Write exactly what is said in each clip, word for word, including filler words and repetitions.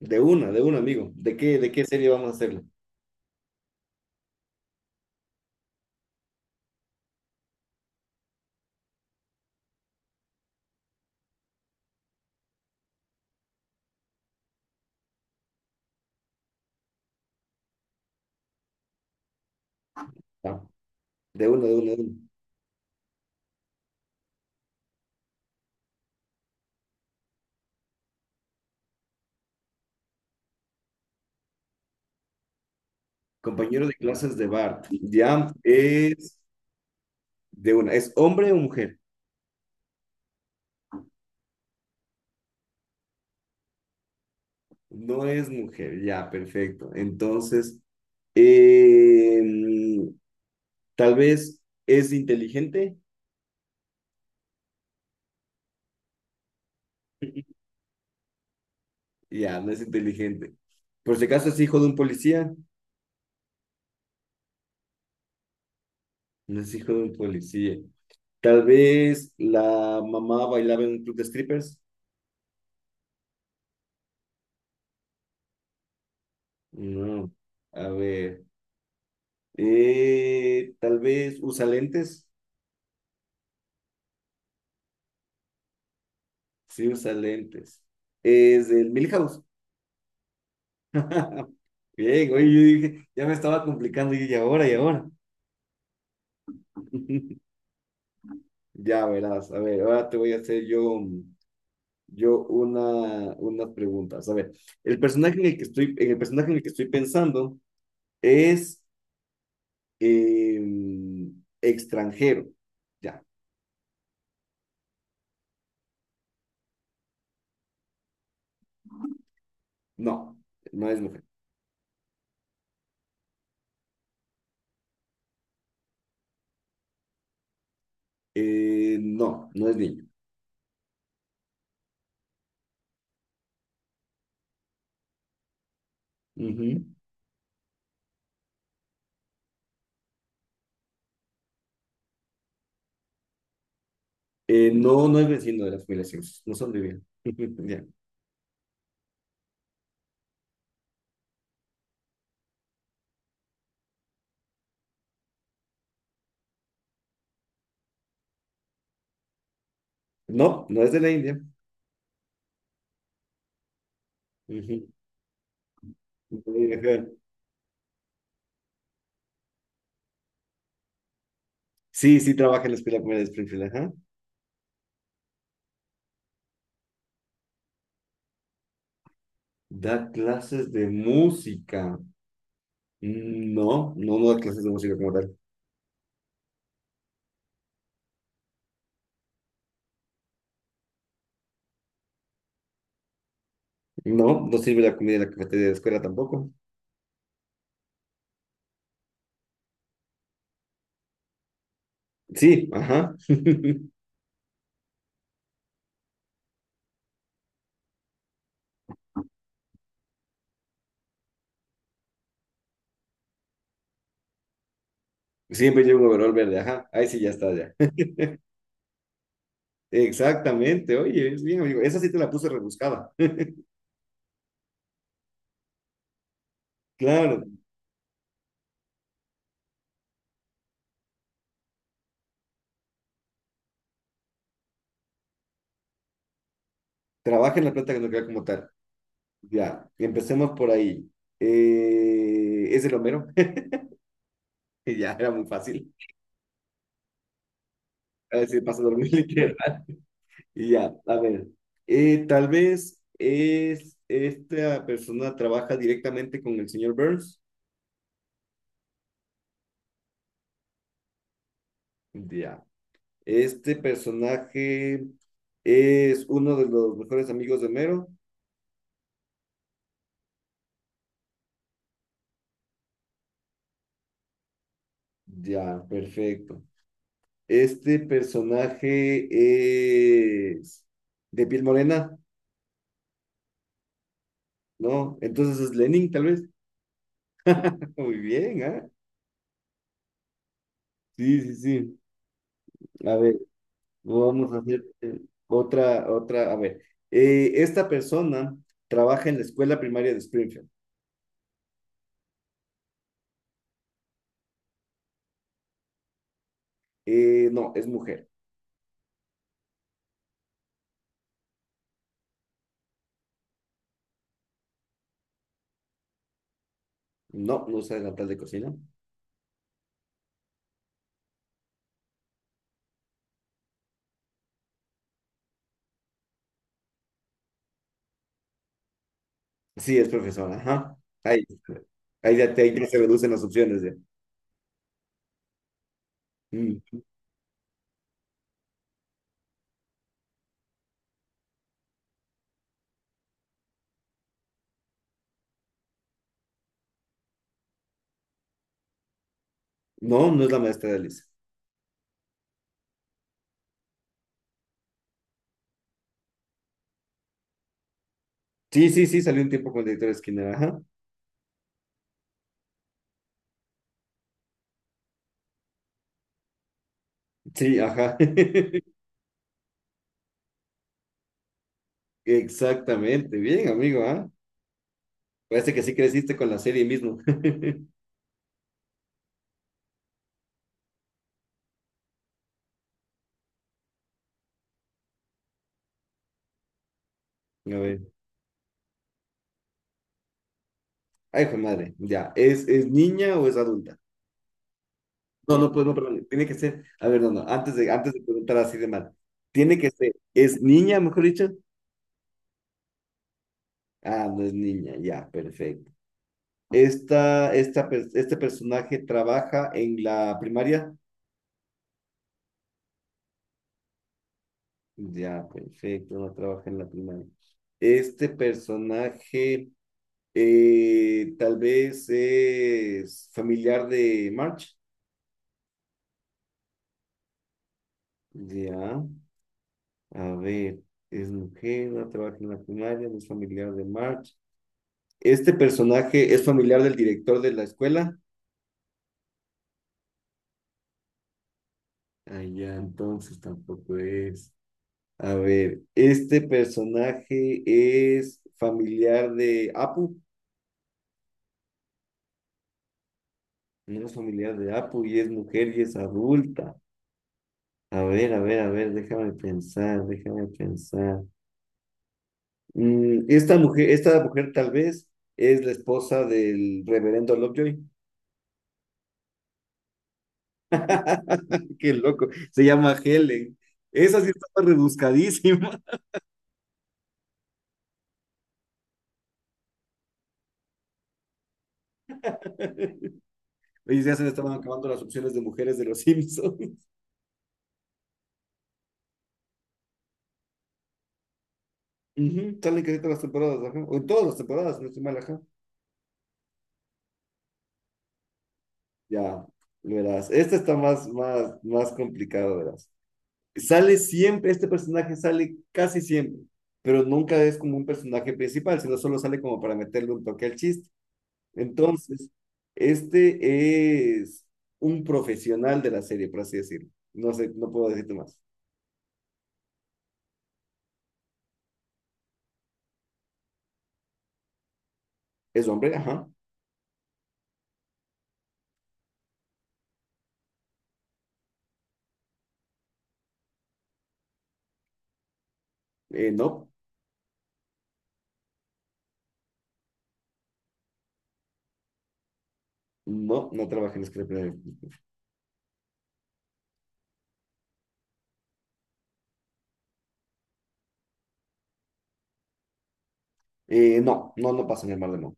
De una, de una, amigo. ¿De qué, de qué serie vamos a hacerlo? Ah, de una, de una, de una. Compañero de clases de Bart. Ya es de una. ¿Es hombre o mujer? No es mujer. Ya, perfecto. Entonces, em, tal vez es inteligente. Ya, no es inteligente. Por si acaso es hijo de un policía. No es hijo de un policía. Tal vez la mamá bailaba en un club de strippers. No. A ver. Eh, tal vez usa lentes. Sí, usa lentes. Es del Milhouse. Bien, oye, yo dije, ya me estaba complicando y yo, y ahora, y ahora. Ya verás, a ver, ahora te voy a hacer yo, yo una, unas preguntas. A ver, el personaje en el que estoy, en el personaje en el que estoy pensando es eh, extranjero. Ya, no, no es mujer. Eh, no, no es niño. Ujú. Eh, no, no es vecino de las familia no son de bien. Ya. No, no es de la India. Ujú. Sí, ajá. Sí, sí trabaja en la escuela primaria de Springfield, ajá. Da clases de música. Mm, no, no, no da clases de música como tal. No, no sirve la comida en la cafetería de la escuela tampoco. Sí, ajá. Siempre llevo un overol verde, ajá. Ahí sí ya está, ya. Exactamente, oye, es bien, amigo. Esa sí te la puse rebuscada. Claro, trabaja en la planta que no queda como tal. Ya, empecemos por ahí. Eh, ¿es el Homero? Ya, era muy fácil. A ver si pasa a dormir literal. Y ya, a ver. Eh, tal vez es esta persona trabaja directamente con el señor Burns. Ya. Este personaje es uno de los mejores amigos de Homero. Ya, perfecto. Este personaje es de piel morena, ¿no? Entonces es Lenin, tal vez. Muy bien, ¿ah? Sí, sí, sí. A ver, vamos a hacer eh, otra, otra. A ver, Eh, esta persona trabaja en la escuela primaria de Springfield. Eh, no, es mujer. No, no usa delantal de cocina. Sí, es profesora. Ajá. Ahí, ahí ya, te, ahí ya se reducen las opciones. Ya. Mm. No, no es la maestra de Alice. Sí, sí, sí, salió un tiempo con el director Skinner. Ajá. Sí, ajá. Exactamente. Bien, amigo, ¿ah? Parece que sí creciste con la serie mismo. A ver. Ay, hijo de madre, ya. ¿Es, es niña o es adulta? No, no, pues no, perdón. Tiene que ser. A ver, no, no. Antes de, antes de preguntar así de mal. Tiene que ser. ¿Es niña, mejor dicho? Ah, no es niña, ya, perfecto. Esta, esta, per- este personaje trabaja en la primaria. Ya, perfecto, no trabaja en la primaria. Este personaje eh, tal vez es familiar de March. Ya. A ver, es mujer, no trabaja en la primaria, no es familiar de March. ¿Este personaje es familiar del director de la escuela? Ah, ya, entonces tampoco es. A ver, ¿este personaje es familiar de Apu? No es familiar de Apu y es mujer y es adulta. A ver, a ver, a ver, déjame pensar, déjame pensar. Mm, esta mujer, esta mujer tal vez es la esposa del reverendo Lovejoy. Qué loco. Se llama Helen. Esa sí estaba rebuscadísima. Oye, ya se me estaban acabando las opciones de mujeres de los Simpsons. Ujú, salen casi todas las temporadas, ajá. O en todas las temporadas, si no estoy mal, ajá. Ya, verás. Esta está más, más, más complicado, verás. Sale siempre, este personaje sale casi siempre, pero nunca es como un personaje principal, sino solo sale como para meterle un toque al chiste. Entonces, este es un profesional de la serie, por así decirlo. No sé, no puedo decirte más. Es hombre, ajá. Eh, no, no, no trabaja en la escritura. Eh, no, no, no pasa en el mar de no.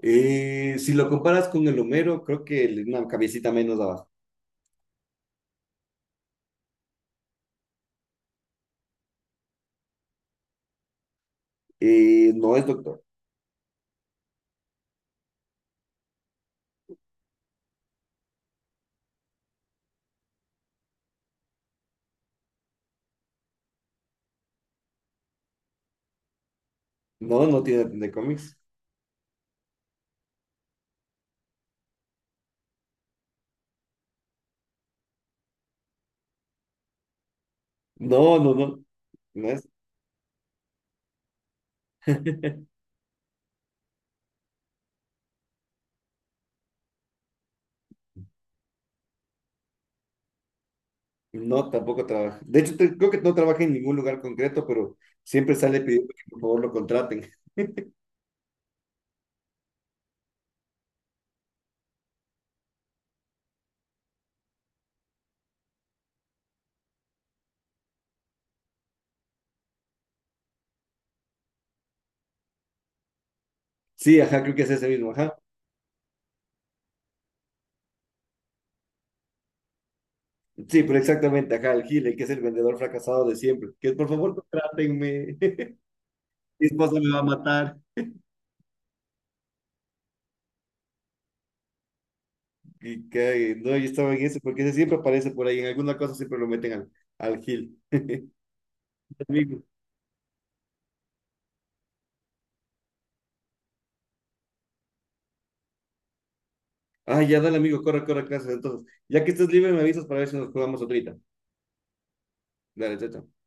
Eh, si lo comparas con el Homero, creo que le- una cabecita menos abajo. Eh, no es doctor. No, no tiene de cómics. No, no, no. No es. No, tampoco trabaja. De hecho, te- creo que no trabaja en ningún lugar concreto, pero siempre sale pidiendo que por favor lo contraten. Sí, ajá, creo que es ese mismo, ajá. Sí, pero exactamente, ajá, el Gil, el que es el vendedor fracasado de siempre. Que por favor contrátenme. Mi esposa me va a matar. Y cae, no, yo estaba en ese, porque ese siempre aparece por ahí, en alguna cosa siempre lo meten al, al Gil. Amigo. Ah, ya dale, amigo, corre, corre, clases. Entonces, ya que estés libre, me avisas para ver si nos jugamos ahorita. Dale, chao. Chao.